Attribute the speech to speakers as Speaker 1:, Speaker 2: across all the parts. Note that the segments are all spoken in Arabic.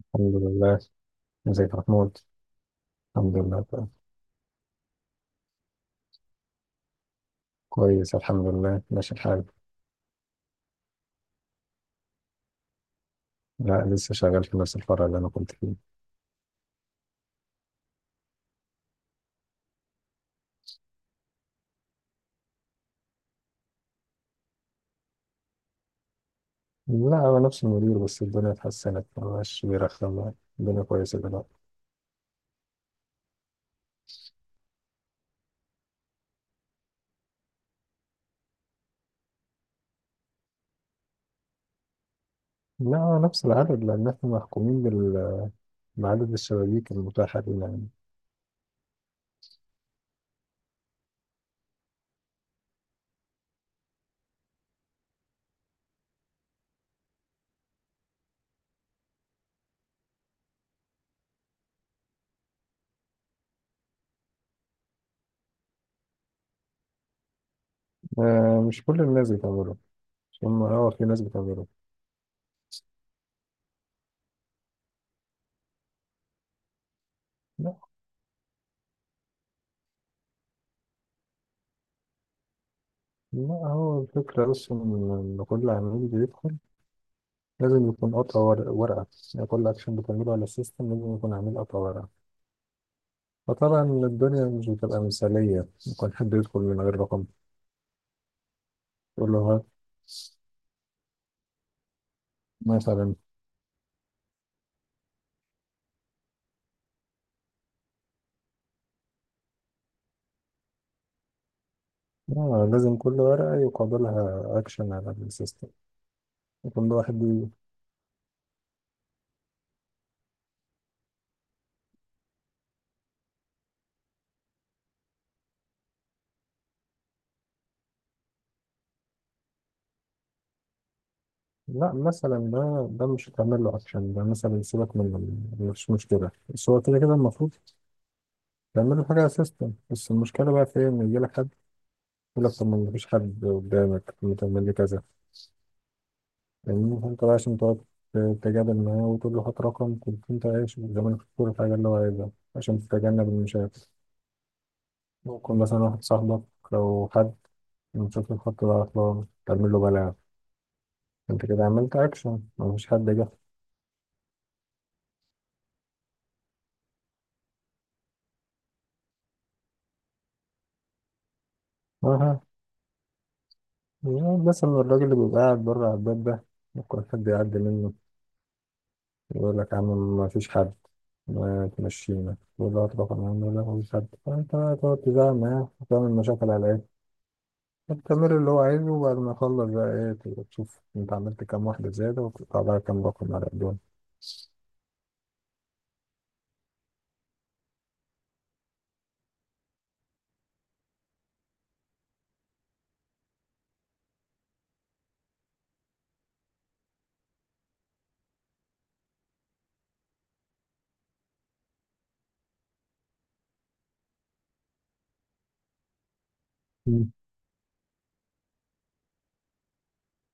Speaker 1: الحمد لله. ازيك يا محمود؟ الحمد لله، تمام. كويس الحمد لله، ماشي الحال. لا، لسه شغال في نفس الفرع اللي انا كنت فيه. لا، هو نفس المدير بس الدنيا اتحسنت، ما بقاش بيرخم يعني. الدنيا كويسة دلوقتي. لا، هو نفس العدد لأن احنا محكومين بال... بعدد الشبابيك المتاحة لنا يعني. آه، مش كل الناس بتعمله. مش هم، في ناس بتعمله. لا، لا، هو الفكرة بس إن كل عميل بيدخل، لازم يكون قطع ورقة. يعني كل أكشن بتعمله على السيستم لازم يكون عامل قطع ورقة. فطبعا الدنيا مش بتبقى مثالية، ممكن حد يدخل من غير رقم. يقول له ها، مثلا. آه، لازم كل ورقة يقابلها أكشن على السيستم. يكون ده واحد لا، مثلا ده مش هتعمل له أكشن. ده مثلا سيبك من، مش مشكلة، بس هو كده كده المفروض تعمل له حاجة على السيستم. بس المشكلة بقى في إيه، إن يجيلك حد يقول لك طب ما مفيش حد قدامك، ما تعمل لي كذا. فاهمني؟ فانت بقى عشان تقعد تتجادل معاه وتقول له هات رقم، كنت انت عايش زمان، في كل حاجة اللي هو عايزها عشان تتجنب المشاكل. ممكن مثلا واحد صاحبك، لو حد من شكل الخط ده عطلان تعمل له بلاغ. انت كده عملت اكشن، مفيش حد جه. اه. بس إن الراجل اللي بيبقى قاعد بره على الباب ده، ممكن حد يعدي منه. يقول لك يا عم، مفيش حد، ما تمشينا. يقول له هات رقم يا عم، لا مفيش حد. فانت بقى تقعد تزعل معاه وتعمل مشاكل على العيال التمرين اللي هو عايزه. وبعد ما يخلص بقى، ايه؟ تبقى تشوف انت عملت كام واحدة زيادة وتقطع بقى كام رقم على قدام. مم.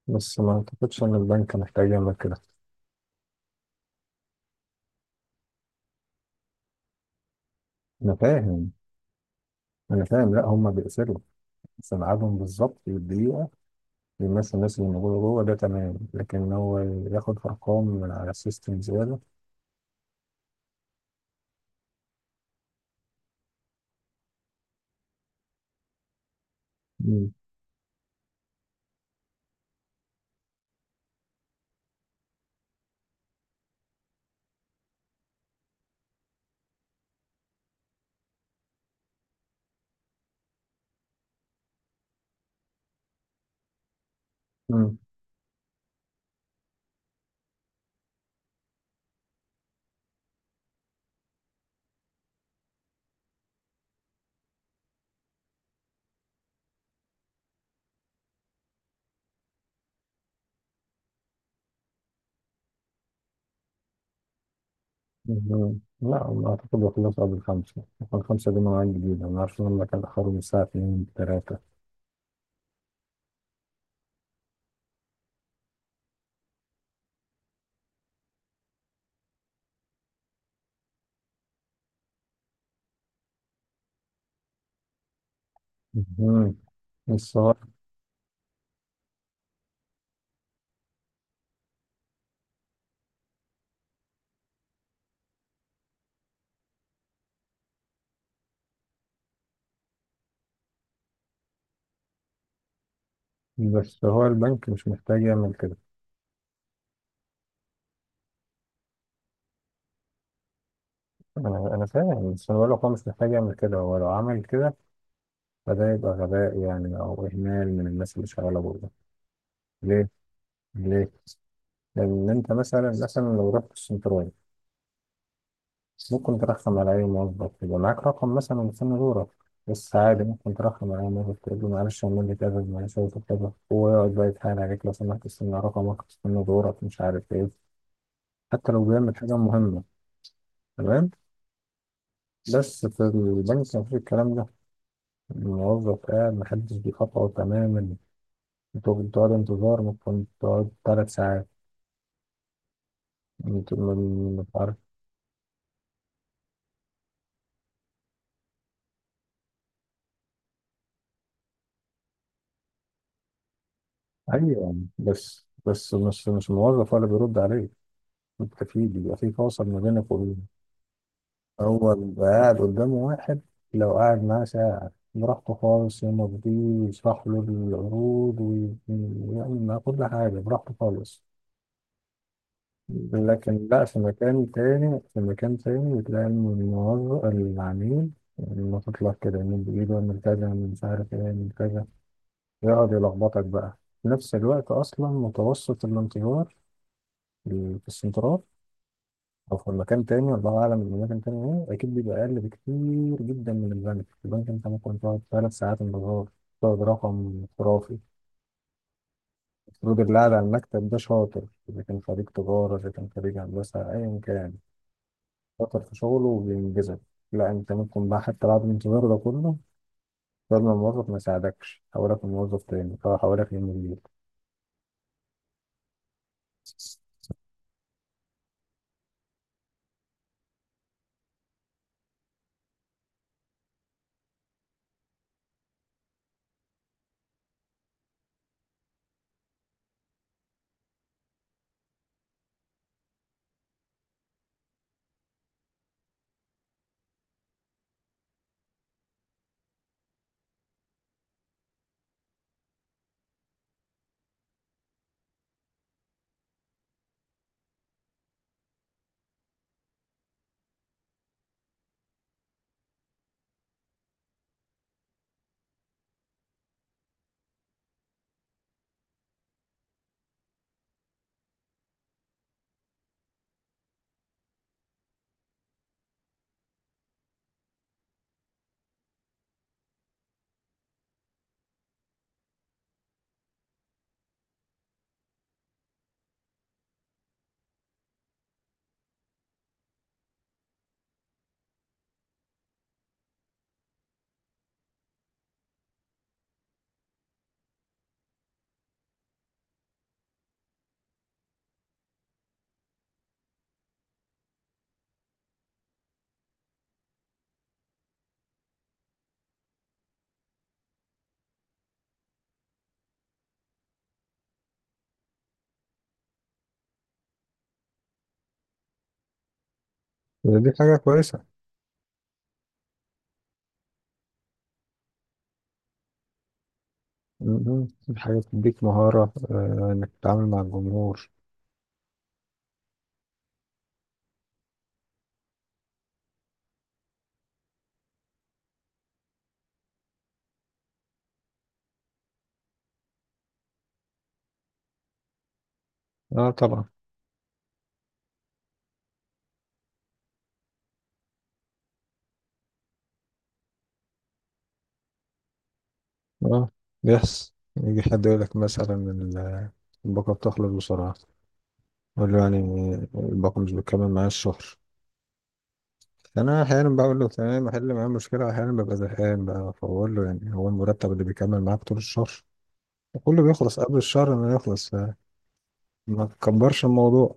Speaker 1: بس ما اعتقدش ان البنك محتاج يعمل كده. انا فاهم، انا فاهم. لا، هما بيقسلوا، بس ميعادهم بالظبط في الدقيقة بيمثل الناس اللي موجودة جوه ده، تمام. لكن هو ياخد ارقام من على السيستم زيادة. مم. مم. مم. لا، ما اعتقد يخلص قبل الخمسة. الخمسة دي مواعيد جديدة، ما اعرفش، هما كانوا اخرهم الساعة اتنين تلاتة. مم. بس هو بس هو البنك مش محتاج يعمل كده. انا فاهم، بس انا بقول لك هو مش محتاج يعمل كده. هو لو عمل كده فده يبقى غباء يعني، او اهمال من الناس اللي شغاله بره. ليه؟ ليه؟ لان انت مثلا، لو رحت السنترال ممكن ترخم على اي موظف يبقى معاك رقم مثلا مستني دورك، بس عادي ممكن ترخم على اي موظف، تقول له معلش اعمل لي كذا، معلش أعمل لي كذا، هو يقعد بقى يتحايل عليك، لو سمحت استنى رقمك، استنى دورك، مش عارف ايه. حتى لو بيعمل حاجه مهمه، تمام. بس في البنك مفيش الكلام ده. الموظف قاعد، محدش بيخاطره تماما. انتوا بتقعدوا انتظار، ممكن تقعد 3 ساعات. انتوا مش عارف. ايوه، بس مش الموظف ولا بيرد عليك. انت في بيبقى في فاصل ما بينك وبينه. هو بيبقى قاعد قدامه واحد، لو قاعد معاه ساعة براحته خالص يمضيه ويشرح له العروض ويعمل معاه كل حاجة براحته خالص. لكن لا، في مكان تاني، في مكان تاني بتلاقي إن الموظف العميل لما تطلع كده من بإيده، من كذا، من مش عارف إيه، من كذا، يقعد يلخبطك بقى. في نفس الوقت أصلا متوسط الانتظار في السنترال أو في مكان تاني الله أعلم المكان تاني إيه، أكيد بيبقى أقل بكتير جدا من البنك. البنك أنت ممكن تقعد 3 ساعات انتظار، تقعد رقم خرافي. المفروض اللي قاعد على المكتب ده شاطر، إذا كان خريج تجارة، إذا كان خريج هندسة، أيا كان شاطر في شغله وبينجزك. لا، انت ممكن بقى حتى بعد الانتظار ده كله، لازم الموظف ما يساعدك، حولك لموظف تاني او حولك لمدير. دي حاجة كويسة. م- م. حاجة تديك مهارة، إنك تتعامل مع الجمهور. اه، طبعا. اه، بيحصل يجي حد يقول لك مثلا الباقة بتخلص بسرعة. يقول له يعني الباقة مش بتكمل معايا الشهر. أنا أحيانا بقول له تمام أحل معايا المشكلة، أحيانا ببقى زهقان بقى فبقول له يعني، هو المرتب اللي بيكمل معاك طول الشهر؟ كله بيخلص قبل الشهر ما يخلص، ما تكبرش الموضوع.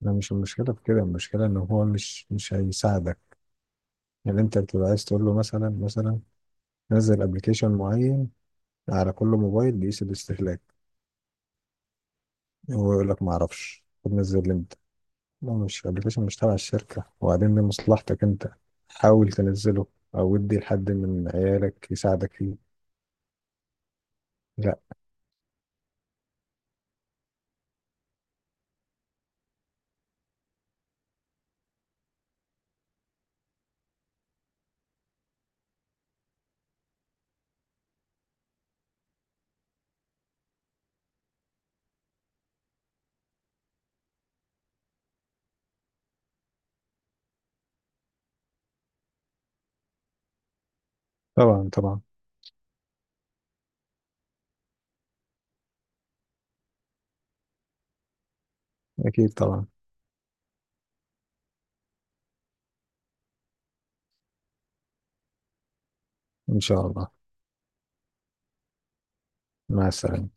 Speaker 1: لا، مش المشكلة في كده، المشكلة ان هو مش هيساعدك. يعني انت بتبقى عايز تقول له مثلا نزل ابلكيشن معين على كل موبايل بيقيس الاستهلاك. هو يقول لك ما اعرفش، طب نزل امتى؟ ما مش ابلكيشن مش تبع الشركة، وبعدين دي مصلحتك انت، حاول تنزله او ادي لحد من عيالك يساعدك فيه. لا. طبعا، طبعا. اكيد طبعا. ان شاء الله. مع السلامة.